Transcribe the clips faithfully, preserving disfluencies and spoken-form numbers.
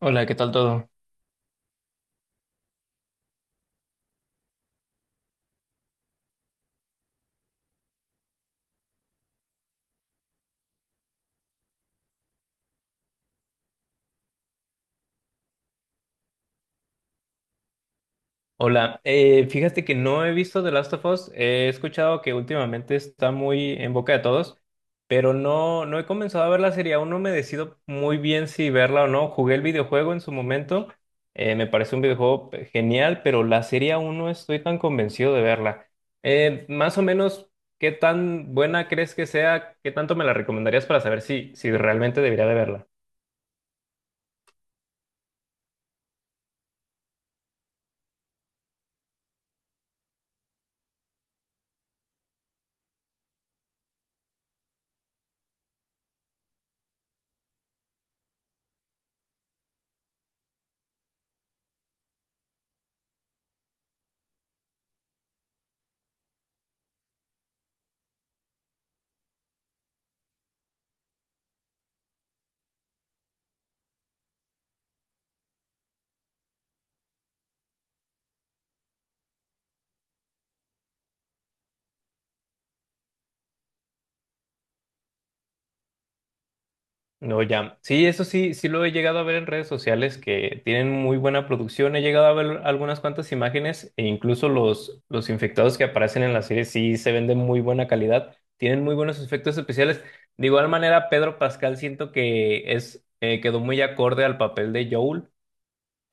Hola, ¿qué tal todo? Hola, eh, fíjate que no he visto The Last of Us, he escuchado que últimamente está muy en boca de todos, pero no, no he comenzado a ver la serie, aún no me decido muy bien si verla o no. Jugué el videojuego en su momento, eh, me parece un videojuego pe- genial, pero la serie aún no estoy tan convencido de verla. Eh, más o menos, ¿qué tan buena crees que sea? ¿Qué tanto me la recomendarías para saber si, si realmente debería de verla? No, ya. Sí, eso sí, sí lo he llegado a ver en redes sociales que tienen muy buena producción. He llegado a ver algunas cuantas imágenes e incluso los, los infectados que aparecen en la serie sí se ven de muy buena calidad. Tienen muy buenos efectos especiales. De igual manera, Pedro Pascal siento que es, eh, quedó muy acorde al papel de Joel.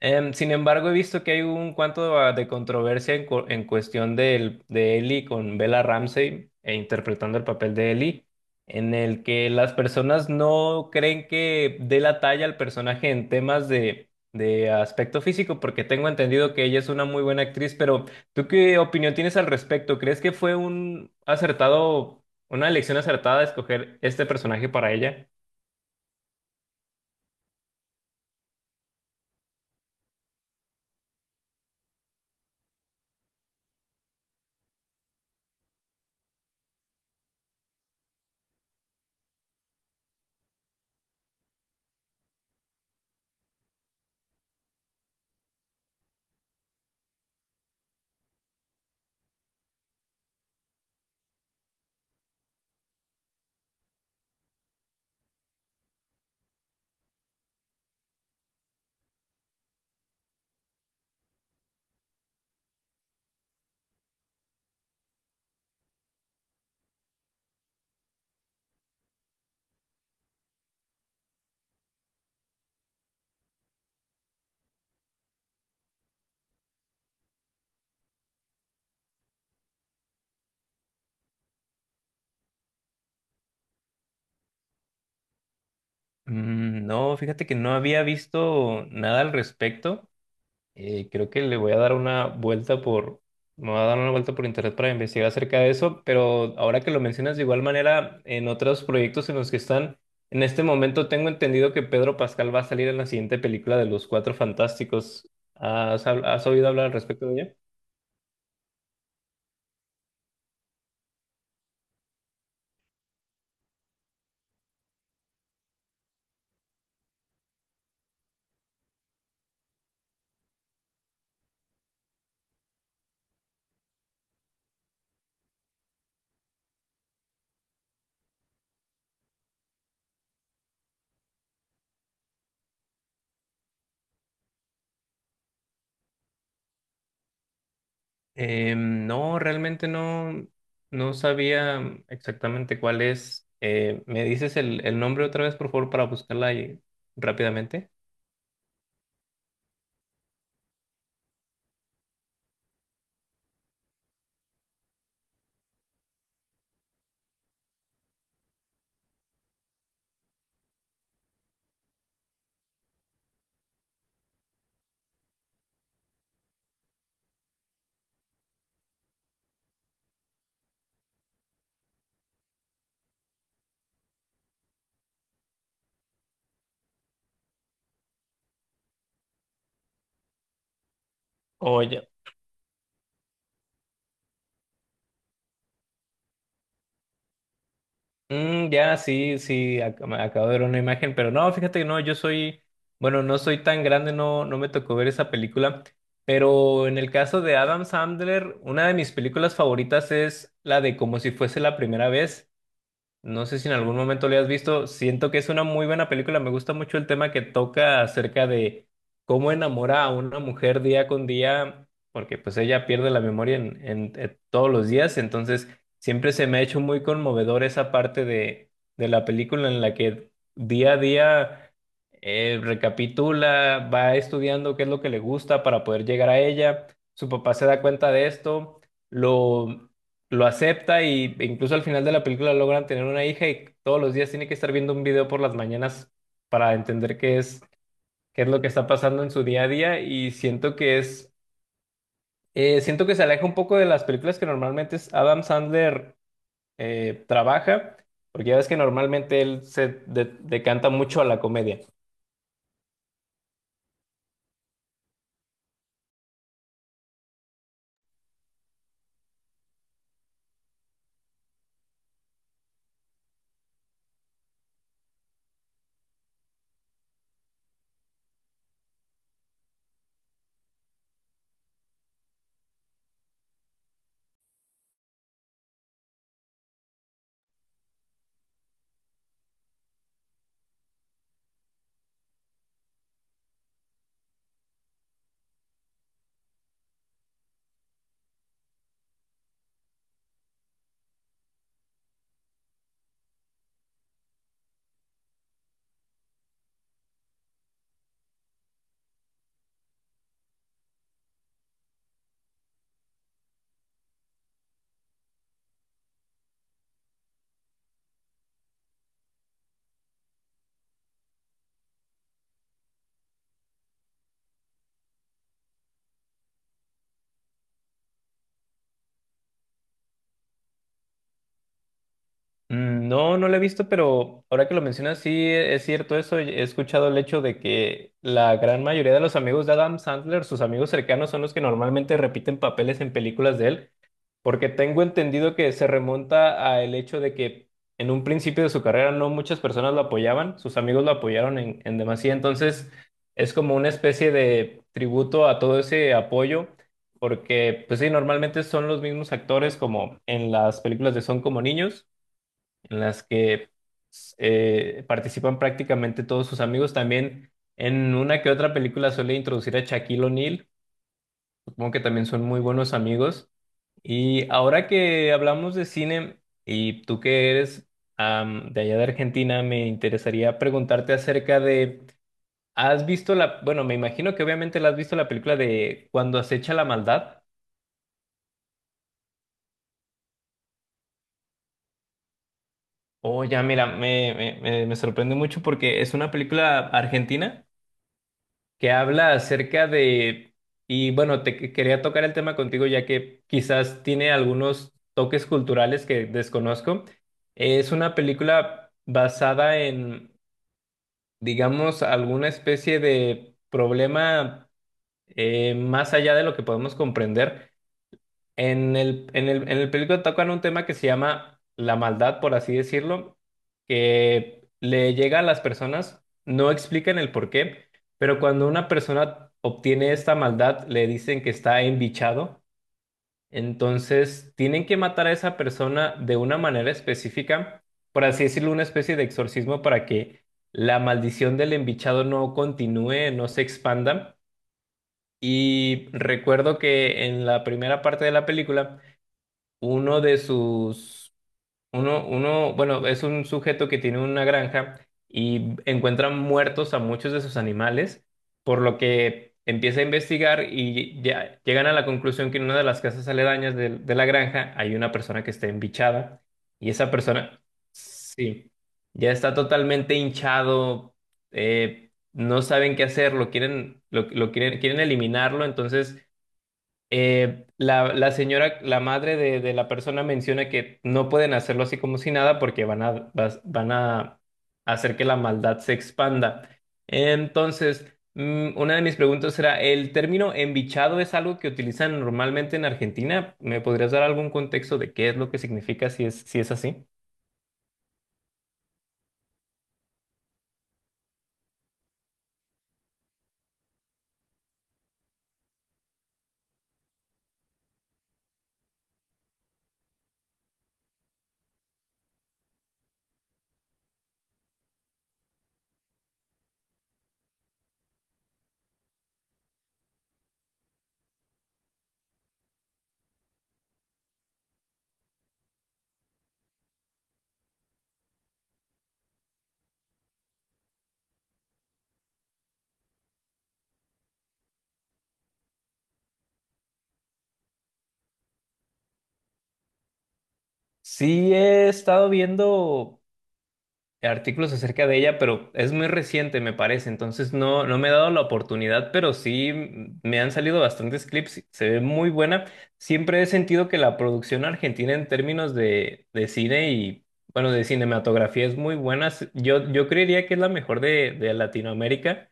Em, sin embargo, he visto que hay un cuanto a- de controversia en, cu- en cuestión del- de Ellie con Bella Ramsey e interpretando el papel de Ellie, en el que las personas no creen que dé la talla al personaje en temas de, de aspecto físico, porque tengo entendido que ella es una muy buena actriz, pero ¿tú qué opinión tienes al respecto? ¿Crees que fue un acertado, una elección acertada de escoger este personaje para ella? Mm, no, fíjate que no había visto nada al respecto. Eh, creo que le voy a dar una vuelta por, me voy a dar una vuelta por internet para investigar acerca de eso, pero ahora que lo mencionas de igual manera, en otros proyectos en los que están, en este momento tengo entendido que Pedro Pascal va a salir en la siguiente película de Los Cuatro Fantásticos. ¿Has, hab- has oído hablar al respecto de ella? Eh, no, realmente no, no sabía exactamente cuál es. Eh, ¿me dices el, el nombre otra vez, por favor, para buscarla ahí rápidamente? Oye. Mm, ya, sí, sí, ac- me acabo de ver una imagen, pero no, fíjate que no, yo soy, bueno, no soy tan grande, no, no me tocó ver esa película, pero en el caso de Adam Sandler, una de mis películas favoritas es la de Como si fuese la primera vez. No sé si en algún momento le has visto. Siento que es una muy buena película. Me gusta mucho el tema que toca acerca de cómo enamora a una mujer día con día, porque pues ella pierde la memoria en, en- en todos los días. Entonces, siempre se me ha hecho muy conmovedor esa parte de, de la película en la que día a día. Eh, recapitula, va estudiando qué es lo que le gusta para poder llegar a ella. Su papá se da cuenta de esto, lo, lo acepta y e incluso al final de la película logran tener una hija y todos los días tiene que estar viendo un video por las mañanas para entender qué es, qué es lo que está pasando en su día a día y siento que es, eh, siento que se aleja un poco de las películas que normalmente es- Adam Sandler eh, trabaja, porque ya ves que normalmente él se de- decanta mucho a la comedia. Mm, no, no la he visto, pero ahora que lo mencionas, sí e- es cierto eso. He escuchado el hecho de que la gran mayoría de los amigos de Adam Sandler, sus amigos cercanos, son los que normalmente repiten papeles en películas de él, porque tengo entendido que se remonta al hecho de que en un principio de su carrera no muchas personas lo apoyaban, sus amigos lo apoyaron en, en demasía, entonces es como una especie de tributo a todo ese apoyo. Porque, pues sí, normalmente son los mismos actores como en las películas de Son como niños, en las que eh, participan prácticamente todos sus amigos. También en una que otra película suele introducir a Shaquille O'Neal, supongo que también son muy buenos amigos. Y ahora que hablamos de cine, y tú que eres am, de allá de Argentina, me interesaría preguntarte acerca de, ¿has visto la, bueno, me imagino que obviamente la has visto la película de Cuando acecha la maldad? Oh, ya, mira, me, me, me me sorprende mucho porque es una película argentina que habla acerca de, y bueno, te que- quería tocar el tema contigo ya que quizás tiene algunos toques culturales que desconozco. Es una película basada en, digamos, alguna especie de problema eh, más allá de lo que podemos comprender. En el, en el, en el película tocan un tema que se llama la maldad, por así decirlo, que le llega a las personas, no explican el por qué, pero cuando una persona obtiene esta maldad, le dicen que está embichado, entonces tienen que matar a esa persona de una manera específica, por así decirlo, una especie de exorcismo para que la maldición del embichado no continúe, no se expanda. Y recuerdo que en la primera parte de la película, uno de sus, uno, uno, bueno, es un sujeto que tiene una granja y encuentra muertos a muchos de sus animales, por lo que empieza a investigar y ya llegan a la conclusión que en una de las casas aledañas de, de la granja hay una persona que está embichada y esa persona, sí, ya está totalmente hinchado, eh, no saben qué hacer, lo quieren, lo, lo quieren, quieren eliminarlo, entonces eh, la, la señora, la madre de, de la persona menciona que no pueden hacerlo así como si nada porque van a, vas- van a hacer que la maldad se expanda. Entonces, mm, una de mis preguntas era, ¿el término embichado es algo que utilizan normalmente en Argentina? ¿Me podrías dar algún contexto de qué es lo que significa si es, si es así? Sí, he estado viendo artículos acerca de ella, pero es muy reciente, me parece. Entonces no, no me he dado la oportunidad, pero sí mm, me han salido bastantes clips. Se ve muy buena. Siempre he sentido que la producción argentina en términos de, de cine y, bueno, de cinematografía es muy buena. S- Yo, yo creería que es la mejor de, de Latinoamérica.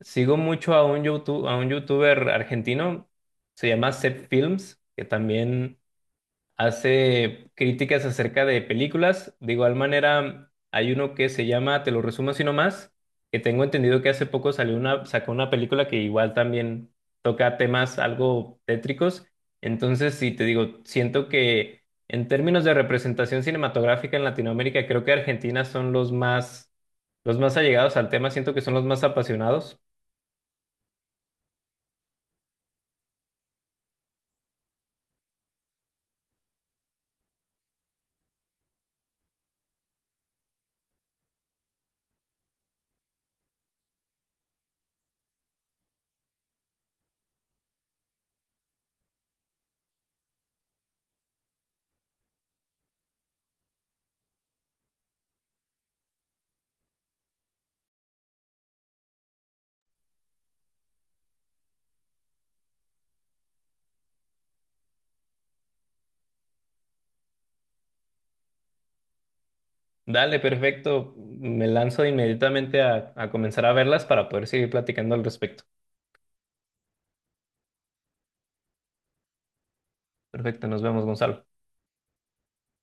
Sigo mucho a un YouTube, a un youtuber argentino, se llama Seth Films, que también hace críticas acerca de películas. De igual manera, hay uno que se llama, te lo resumo así nomás, que tengo entendido que hace poco salió una, sacó una película que igual también toca temas algo tétricos. Entonces, sí, te digo, siento que en términos de representación cinematográfica en Latinoamérica, creo que Argentina son los más, los más allegados al tema, siento que son los más apasionados. Dale, perfecto. Me lanzo inmediatamente a, a comenzar a verlas para poder seguir platicando al respecto. Perfecto, nos vemos, Gonzalo.